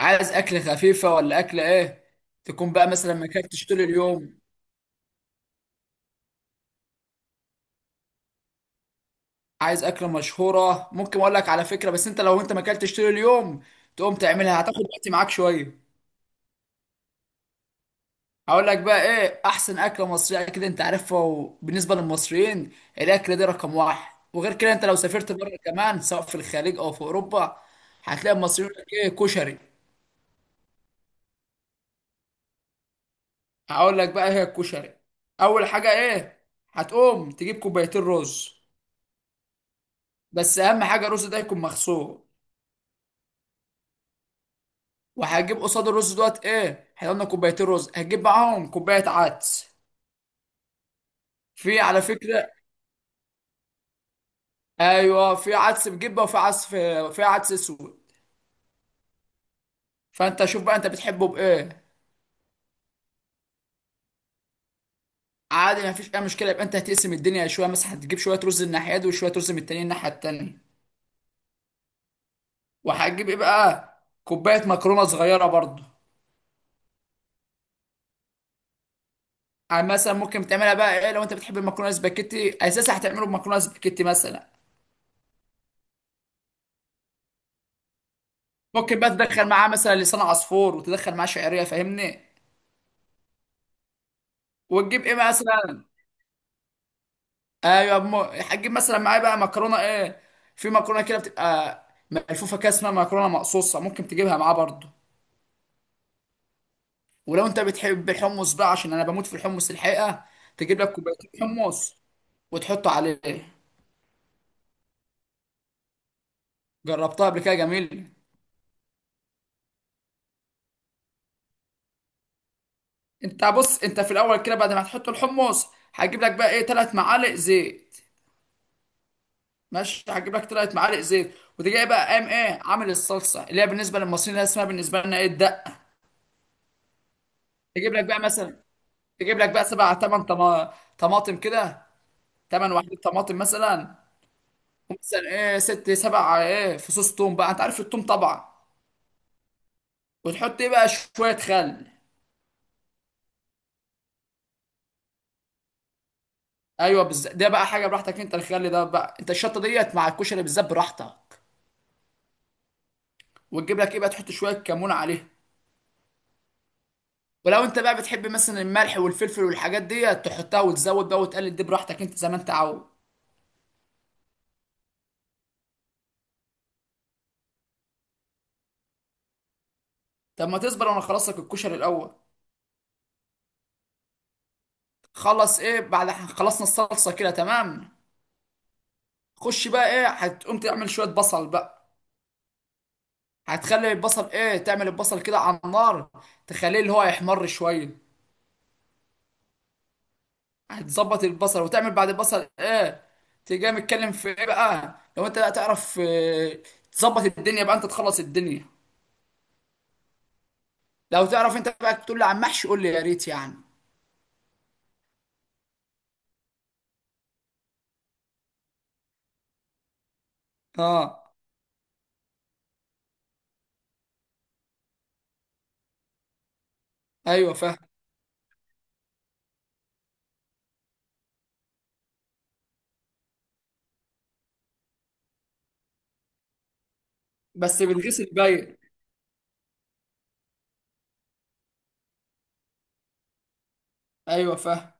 عايز اكل خفيفه ولا اكل ايه؟ تكون بقى مثلا ما اكلتش طول اليوم. عايز اكله مشهوره؟ ممكن اقول لك على فكره، بس لو انت ما اكلتش طول اليوم تقوم تعملها هتاخد وقت معاك شويه. هقول لك بقى ايه احسن اكله مصريه، كده انت عارفها، وبالنسبه للمصريين الاكله دي رقم واحد. وغير كده انت لو سافرت بره كمان، سواء في الخليج او في اوروبا، هتلاقي المصريين يقول لك ايه؟ كشري. هقول لك بقى إيه هي الكشري. اول حاجه ايه؟ هتقوم تجيب كوبايتين رز، بس اهم حاجه الرز ده يكون مغسول. وهجيب قصاد الرز دوت ايه، احنا قلنا كوبايتين رز، هجيب معاهم كوبايه عدس. في على فكره ايوه في عدس بجبه، وفي عدس في عدس اسود. فانت شوف بقى انت بتحبه بايه. عادي، ما فيش اي مشكله. يبقى انت هتقسم الدنيا شويه، مثلا هتجيب شويه رز من الناحيه دي وشويه رز من التانيين الناحيه التانيه. وهتجيب ايه بقى؟ كوبايه مكرونه صغيره برضه. يعني مثلا ممكن تعملها بقى ايه، لو انت بتحب المكرونه سباكيتي اساسا هتعمله بمكرونه سباكيتي مثلا. ممكن بقى تدخل معاه مثلا لسان عصفور، وتدخل معاه شعريه، فاهمني؟ وتجيب ايه مثلا؟ ايوه هتجيب مثلا معايا بقى مكرونه ايه، في مكرونه كده بتبقى ملفوفه كده اسمها مكرونه مقصوصه، ممكن تجيبها معاه برضه. ولو انت بتحب الحمص بقى، عشان انا بموت في الحمص الحقيقه، تجيب لك كوبايتين حمص وتحطه عليه. جربتها قبل كده، جميل. انت بص، انت في الاول كده بعد ما تحط الحمص هتجيب لك بقى ايه 3 معالق زيت. ماشي، هتجيب لك 3 معالق زيت. وتجي بقى قام ايه عامل الصلصه اللي هي بالنسبه للمصريين، اللي هي اسمها بالنسبه لنا ايه الدقه. تجيب لك بقى مثلا، تجيب لك بقى 7 8 طماطم كده، 8 وحدات طماطم مثلا. ومثلا ايه 6 7 ايه فصوص توم، بقى انت عارف التوم طبعا. وتحط ايه بقى؟ شويه خل. ايوه بالظبط. ده بقى حاجه براحتك انت، الخل ده بقى انت، الشطه ديت مع الكشري بالذات براحتك. وتجيب لك ايه بقى؟ تحط شويه كمون عليها. ولو انت بقى بتحب مثلا الملح والفلفل والحاجات ديت تحطها، وتزود بقى وتقلل دي براحتك انت زي ما انت عاوز. طب ما تصبر وانا اخلص لك الكشري الاول. خلص ايه، بعد خلصنا الصلصه كده تمام. خش بقى ايه، هتقوم تعمل شويه بصل بقى. هتخلي البصل ايه، تعمل البصل كده على النار، تخليه اللي هو يحمر شويه. هتظبط البصل وتعمل بعد البصل ايه؟ تيجي متكلم في ايه بقى لو انت بقى تعرف، آه، تظبط الدنيا بقى انت تخلص الدنيا. لو تعرف انت بقى تقول لي عن محشي قول لي يا ريت يعني. اه. ايوه فاهم. بس بالغسل باين. ايوه فاهم.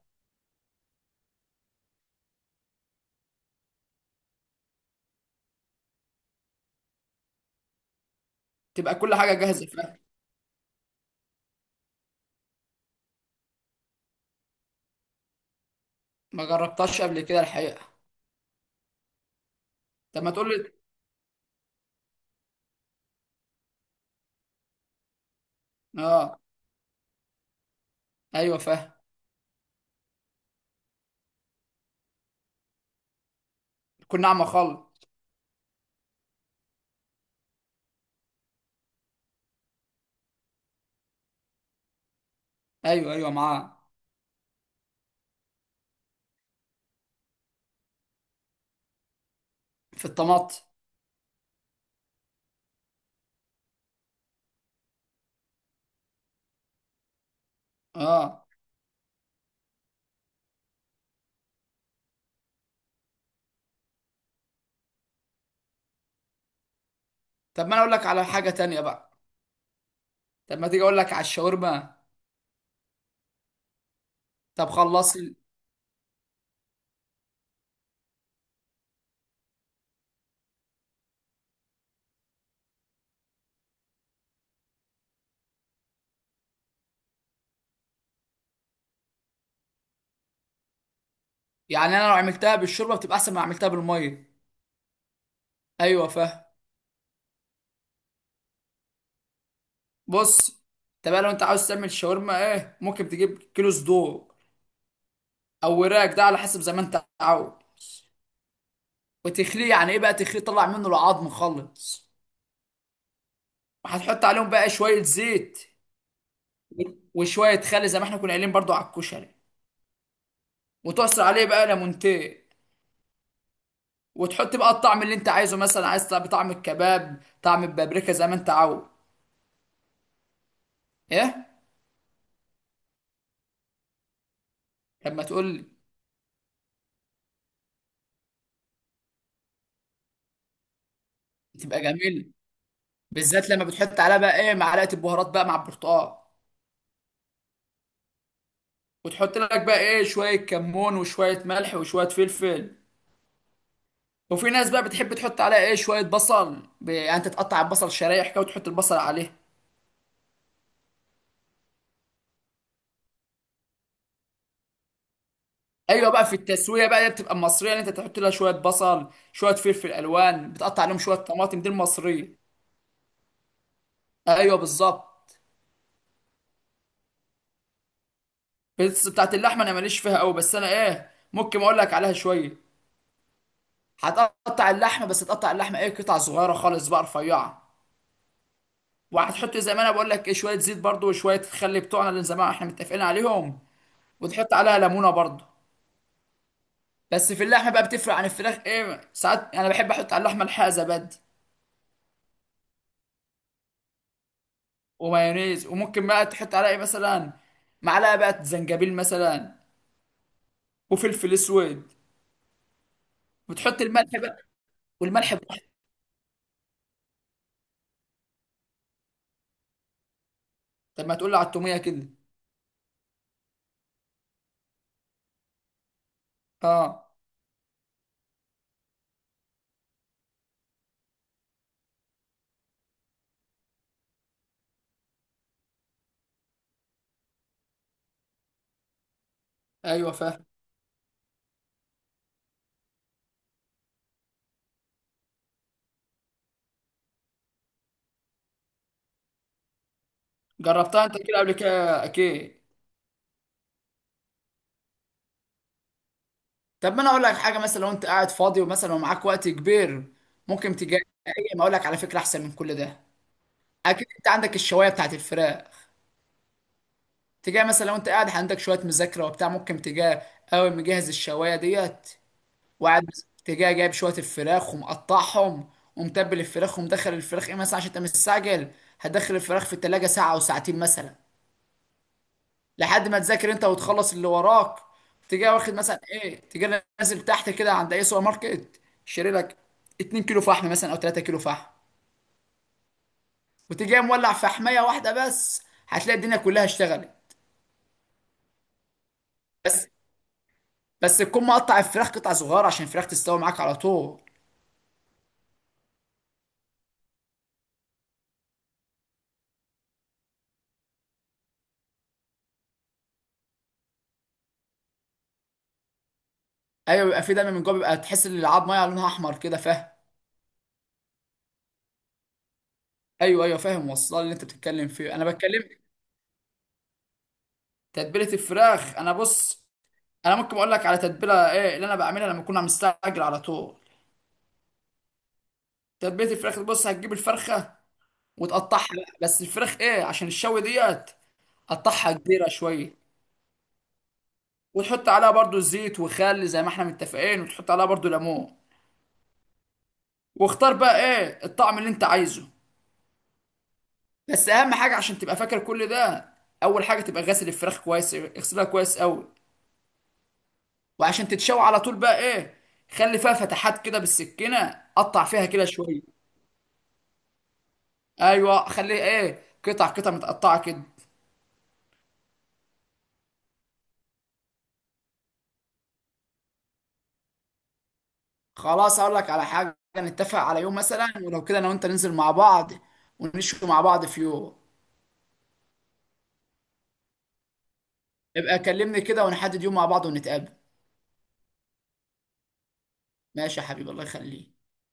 تبقى كل حاجه جاهزه، فاهم. ما جربتهاش قبل كده الحقيقه. طب ما تقول لي. اه. ايوه فاهم. تكون ناعمه خالص. ايوه ايوه معاه. في الطماط. اه. طب ما انا اقول لك على حاجه تانية بقى. طب ما تيجي اقول لك على الشاورما. طب خلص يعني انا لو عملتها بالشوربه بتبقى احسن ما عملتها بالميه. ايوه فاهم. بص، طب لو انت عاوز تعمل شاورما ايه، ممكن تجيب كيلو صدور او وراك، ده على حسب زي ما انت عاوز. وتخليه يعني ايه بقى، تخليه تطلع منه العظم خالص. وهتحط عليهم بقى شويه زيت وشويه خل زي ما احنا كنا قايلين برضو على الكشري. وتعصر عليه بقى ليمونتين. وتحط بقى الطعم اللي انت عايزه، مثلا عايز طعم، طعم الكباب، طعم البابريكا زي ما انت عاوز. ايه؟ لما تقول لي. تبقى جميل، بالذات لما بتحط عليها بقى ايه معلقه البهارات بقى مع البرتقال. وتحط لك بقى ايه شويه كمون وشويه ملح وشويه فلفل. وفي ناس بقى بتحب تحط عليها ايه شويه بصل، يعني انت تقطع البصل شرايح كده وتحط البصل عليه. ايوه بقى في التسويه بقى دي بتبقى المصريه، اللي انت تحط لها شويه بصل، شويه فلفل الوان، بتقطع عليهم شويه طماطم، دي المصريه. ايوه بالظبط. بس بتاعت اللحمه انا ماليش فيها قوي، بس انا ايه ممكن اقول لك عليها شويه. هتقطع اللحمه، بس تقطع اللحمه ايه، قطع صغيره خالص بقى رفيعه. وهتحط زي ما انا بقول لك ايه شويه زيت برضو وشويه الخل بتوعنا اللي زمان احنا متفقين عليهم. وتحط عليها ليمونه برضو. بس في اللحمه بقى بتفرق عن الفراخ ايه، ساعات انا بحب احط على اللحمه الحقيقه زبادي. ومايونيز. وممكن بقى تحط عليها ايه مثلا معلقه بقى زنجبيل مثلا. وفلفل اسود. وتحط الملح بقى. والملح بقى. طب ما تقول لي على التوميه كده. اه. ايوه فاهم. جربتها انت كده قبل كده اكيد. طب ما انا اقول لك حاجه، مثلا لو انت قاعد فاضي ومثلا ومعاك وقت كبير ممكن تجي. ما اقول لك على فكره احسن من كل ده. اكيد انت عندك الشوايه بتاعت الفراخ. تجي مثلا لو انت قاعد عندك شويه مذاكره وبتاع، ممكن تجي اول مجهز الشوايه ديت وقاعد، تجي جايب شويه الفراخ ومقطعهم ومتبل الفراخ ومدخل الفراخ ايه مثلا عشان انت مستعجل. هتدخل الفراخ في التلاجة ساعه او ساعتين مثلا، لحد ما تذاكر انت وتخلص اللي وراك. تجي واخد مثلا ايه، تجي نازل تحت كده عند اي سوبر ماركت، شاري لك 2 كيلو فحم مثلا او 3 كيلو فحم. وتجي مولع فحميه واحده بس، هتلاقي الدنيا كلها اشتغلت. بس بس تكون مقطع الفراخ قطع صغيره عشان الفراخ تستوي معاك على طول. ايوه بيبقى في دم من جوه، بيبقى تحس ان العظم ميه لونها احمر كده، فاهم. ايوه ايوه فاهم، وصل اللي انت بتتكلم فيه انا بتكلم. تتبيله الفراخ انا بص، انا ممكن اقول لك على تتبيله ايه اللي انا بعملها لما اكون مستعجل على طول. تتبيله الفراخ بص، هتجيب الفرخه وتقطعها بقى، بس الفراخ ايه عشان الشوي ديت قطعها كبيره شويه. وتحط عليها برضو زيت وخل زي ما احنا متفقين، وتحط عليها برضو ليمون. واختار بقى ايه الطعم اللي انت عايزه. بس اهم حاجه عشان تبقى فاكر كل ده، اول حاجه تبقى غاسل الفراخ كويس، اغسلها كويس قوي. وعشان تتشوي على طول بقى ايه، خلي فيها فتحات كده بالسكينه، قطع فيها كده شويه. ايوه، خليه ايه، قطع قطع متقطعه كده. خلاص اقول لك على حاجه، نتفق على يوم مثلا، ولو كده انا وانت ننزل مع بعض ونشوي مع بعض في يوم. يبقى كلمني كده ونحدد يوم مع بعض ونتقابل. ماشي يا حبيبي، الله يخليك.